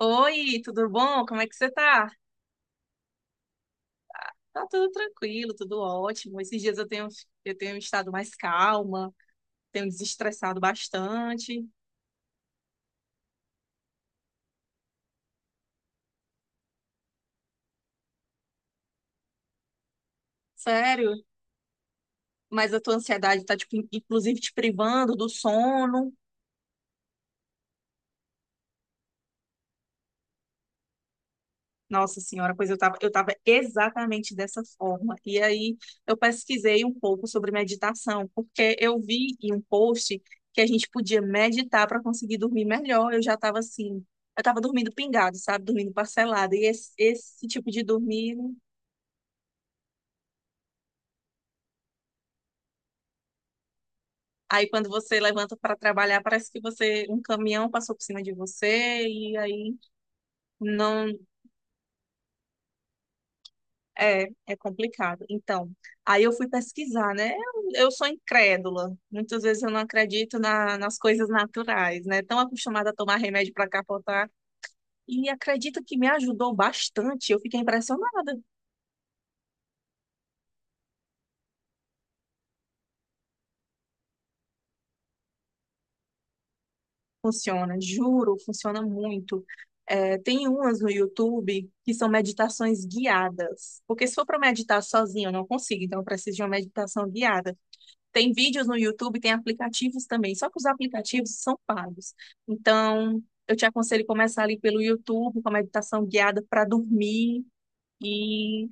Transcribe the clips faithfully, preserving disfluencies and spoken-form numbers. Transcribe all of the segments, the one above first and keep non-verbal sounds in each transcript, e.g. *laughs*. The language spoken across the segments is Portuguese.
Oi, tudo bom? Como é que você tá? Tá tudo tranquilo, tudo ótimo. Esses dias eu tenho, eu tenho estado mais calma, tenho desestressado bastante. Sério, mas a tua ansiedade tá, tipo, inclusive te privando do sono. Nossa senhora, pois eu tava, eu tava exatamente dessa forma. E aí eu pesquisei um pouco sobre meditação, porque eu vi em um post que a gente podia meditar para conseguir dormir melhor. Eu já tava assim, eu tava dormindo pingado, sabe? Dormindo parcelado. E esse, esse tipo de dormir, aí quando você levanta para trabalhar, parece que você, um caminhão passou por cima de você e aí não. É, é complicado. Então, aí eu fui pesquisar, né? Eu, eu sou incrédula. Muitas vezes eu não acredito na- nas coisas naturais, né? Tão acostumada a tomar remédio para capotar. E acredita que me ajudou bastante. Eu fiquei impressionada. Funciona, juro, funciona muito. É, tem umas no YouTube que são meditações guiadas. Porque se for para meditar sozinha, eu não consigo. Então, eu preciso de uma meditação guiada. Tem vídeos no YouTube, tem aplicativos também, só que os aplicativos são pagos. Então, eu te aconselho começar ali pelo YouTube, com a meditação guiada para dormir. E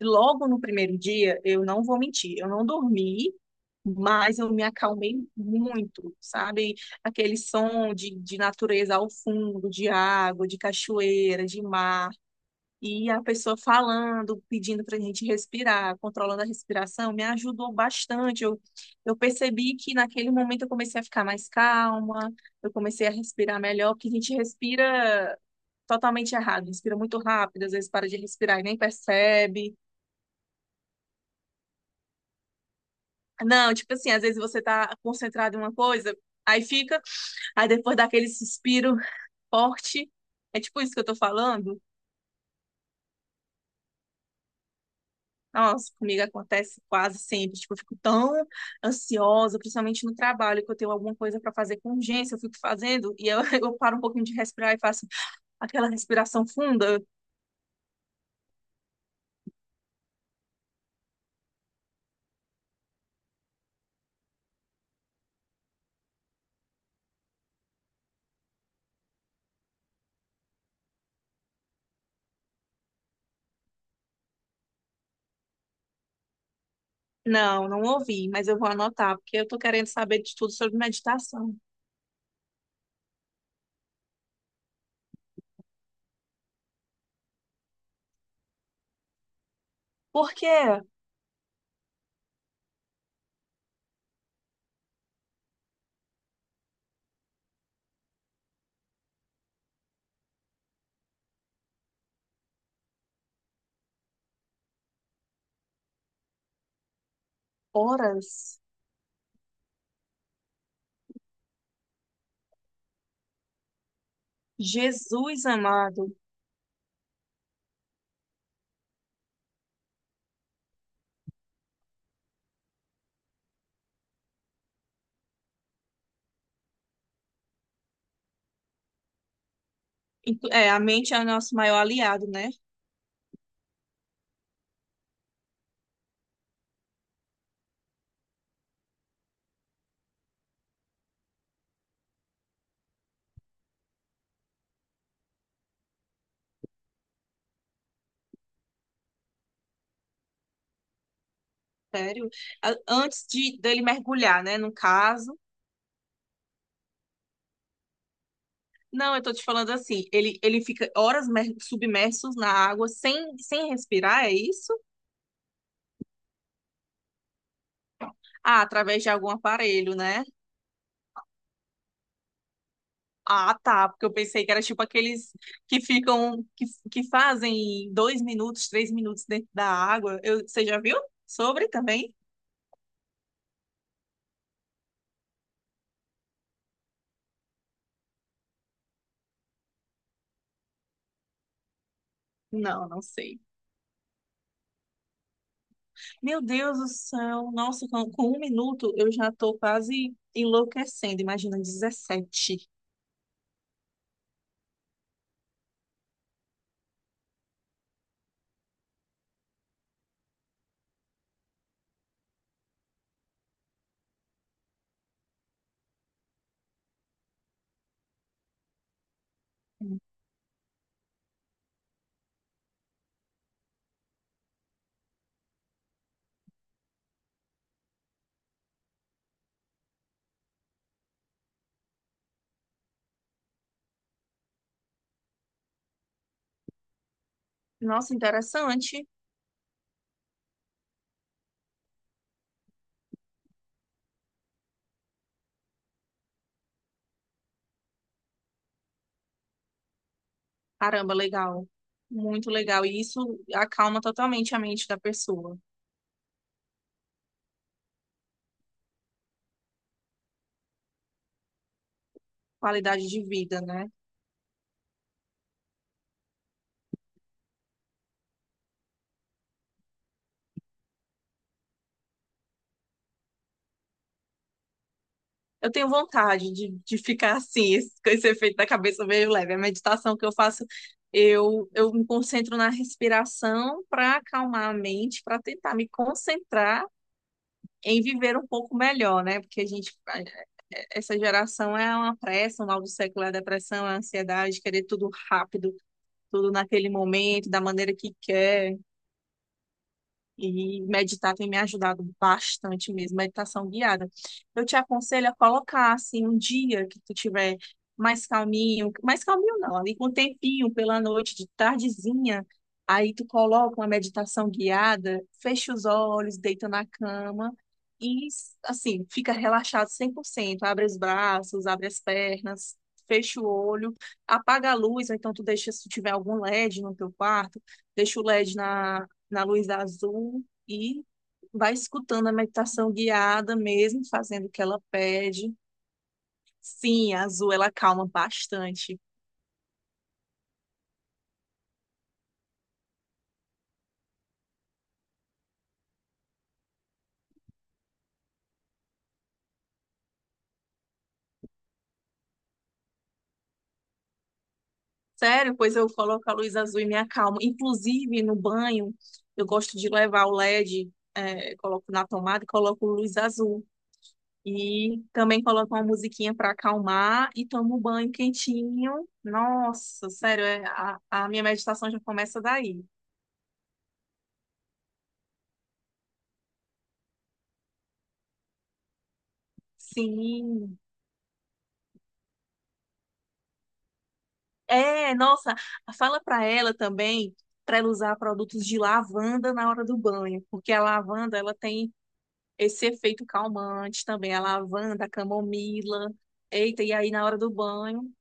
logo no primeiro dia, eu não vou mentir, eu não dormi, mas eu me acalmei muito, sabe? Aquele som de, de natureza ao fundo, de água, de cachoeira, de mar. E a pessoa falando, pedindo para a gente respirar, controlando a respiração, me ajudou bastante. Eu, eu percebi que naquele momento eu comecei a ficar mais calma, eu comecei a respirar melhor, porque a gente respira totalmente errado, respira muito rápido, às vezes para de respirar e nem percebe. Não, tipo assim, às vezes você está concentrado em uma coisa, aí fica, aí depois daquele suspiro forte, é tipo isso que eu tô falando. Nossa, comigo acontece quase sempre. Tipo, eu fico tão ansiosa, principalmente no trabalho, que eu tenho alguma coisa para fazer com urgência, eu fico fazendo e eu, *laughs* eu paro um pouquinho de respirar e faço aquela respiração funda. Não, não ouvi, mas eu vou anotar, porque eu tô querendo saber de tudo sobre meditação. Porque horas, Jesus amado. Inclu- é, a mente é o nosso maior aliado, né? Sério. A- Antes de dele mergulhar, né? No caso. Não, eu tô te falando assim, ele, ele fica horas mer- submersos na água sem, sem respirar, é isso? Ah, através de algum aparelho, né? Ah, tá, porque eu pensei que era tipo aqueles que ficam, que, que fazem dois minutos, três minutos dentro da água. Eu, você já viu sobre também? Não, não sei. Meu Deus do céu, nossa, com, com um minuto eu já tô quase enlouquecendo, imagina dezessete. Nossa, interessante. Caramba, legal. Muito legal. E isso acalma totalmente a mente da pessoa. Qualidade de vida, né? Eu tenho vontade de, de ficar assim, *laughs* esse- com esse efeito da cabeça meio leve. A meditação que eu faço, eu, eu me concentro na respiração para acalmar a mente, para tentar me concentrar em viver um pouco melhor, né? Porque a gente, essa geração é uma pressa, o mal do século é a depressão, é a ansiedade, querer tudo rápido, tudo naquele momento, da maneira que quer. E meditar tem me ajudado bastante mesmo, meditação guiada. Eu te aconselho a colocar assim um dia que tu tiver mais calminho, mais calminho não, ali com um tempinho pela noite, de tardezinha, aí tu coloca uma meditação guiada, fecha os olhos, deita na cama e assim, fica relaxado cem por cento, abre os braços, abre as pernas, fecha o olho, apaga a luz, ou então tu deixa se tu tiver algum L E D no teu quarto, deixa o L E D na na luz azul e vai escutando a meditação guiada mesmo, fazendo o que ela pede. Sim, a azul ela acalma bastante. Sério, pois eu coloco a luz azul e me acalmo. Inclusive no banho, eu gosto de levar o L E D, é, coloco na tomada e coloco luz azul. E também coloco uma musiquinha para acalmar e tomo um banho quentinho. Nossa, sério, é, a, a minha meditação já começa daí. Sim. É, nossa, fala para ela também para ela usar produtos de lavanda na hora do banho, porque a lavanda ela tem esse efeito calmante também, a lavanda, a camomila. Eita, e aí na hora do banho?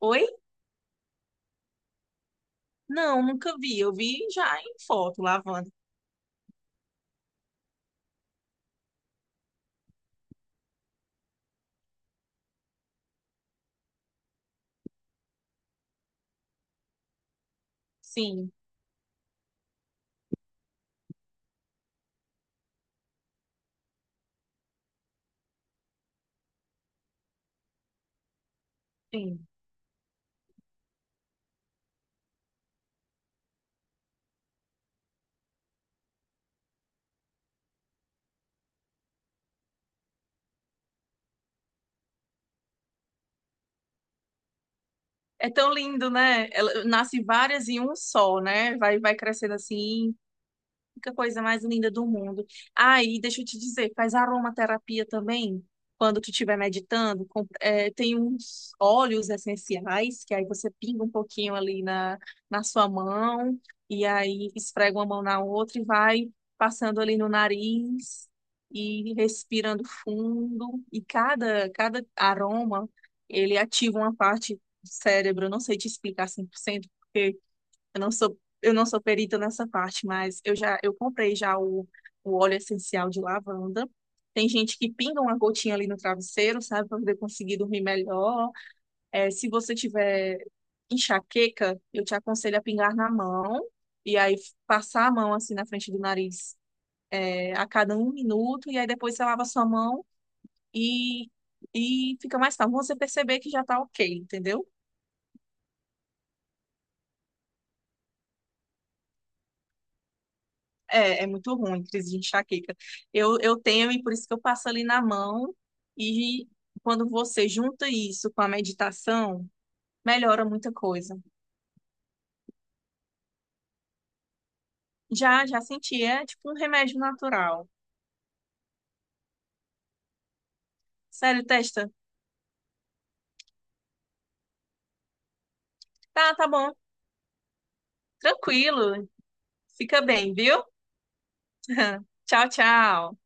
Oi? Não, nunca vi. Eu vi já em foto lavanda. Sim, sim. É tão lindo, né? Ela nasce várias em um só, né? Vai, vai crescendo assim. Que coisa mais linda do mundo. Aí, deixa eu te dizer, faz aromaterapia também. Quando tu estiver meditando, com- é, tem uns óleos essenciais, que aí você pinga um pouquinho ali na, na sua mão, e aí esfrega uma mão na outra e vai passando ali no nariz e respirando fundo. E cada, cada aroma, ele ativa uma parte do cérebro. Eu não sei te explicar cem por cento porque eu não sou, eu não sou perita nessa parte, mas eu já eu comprei já o, o óleo essencial de lavanda. Tem gente que pinga uma gotinha ali no travesseiro, sabe, para poder conseguir dormir melhor. É, se você tiver enxaqueca, eu te aconselho a pingar na mão e aí f- passar a mão assim na frente do nariz, é, a cada um minuto e aí depois você lava a sua mão e e fica mais calmo. Você perceber que já tá ok, entendeu? É, é muito ruim, crise de enxaqueca. Eu, eu tenho, e por isso que eu passo ali na mão. E quando você junta isso com a meditação, melhora muita coisa. Já, já senti, é tipo um remédio natural. Sério, testa? Tá, tá bom, tranquilo. Fica bem, viu? *laughs* Tchau, tchau.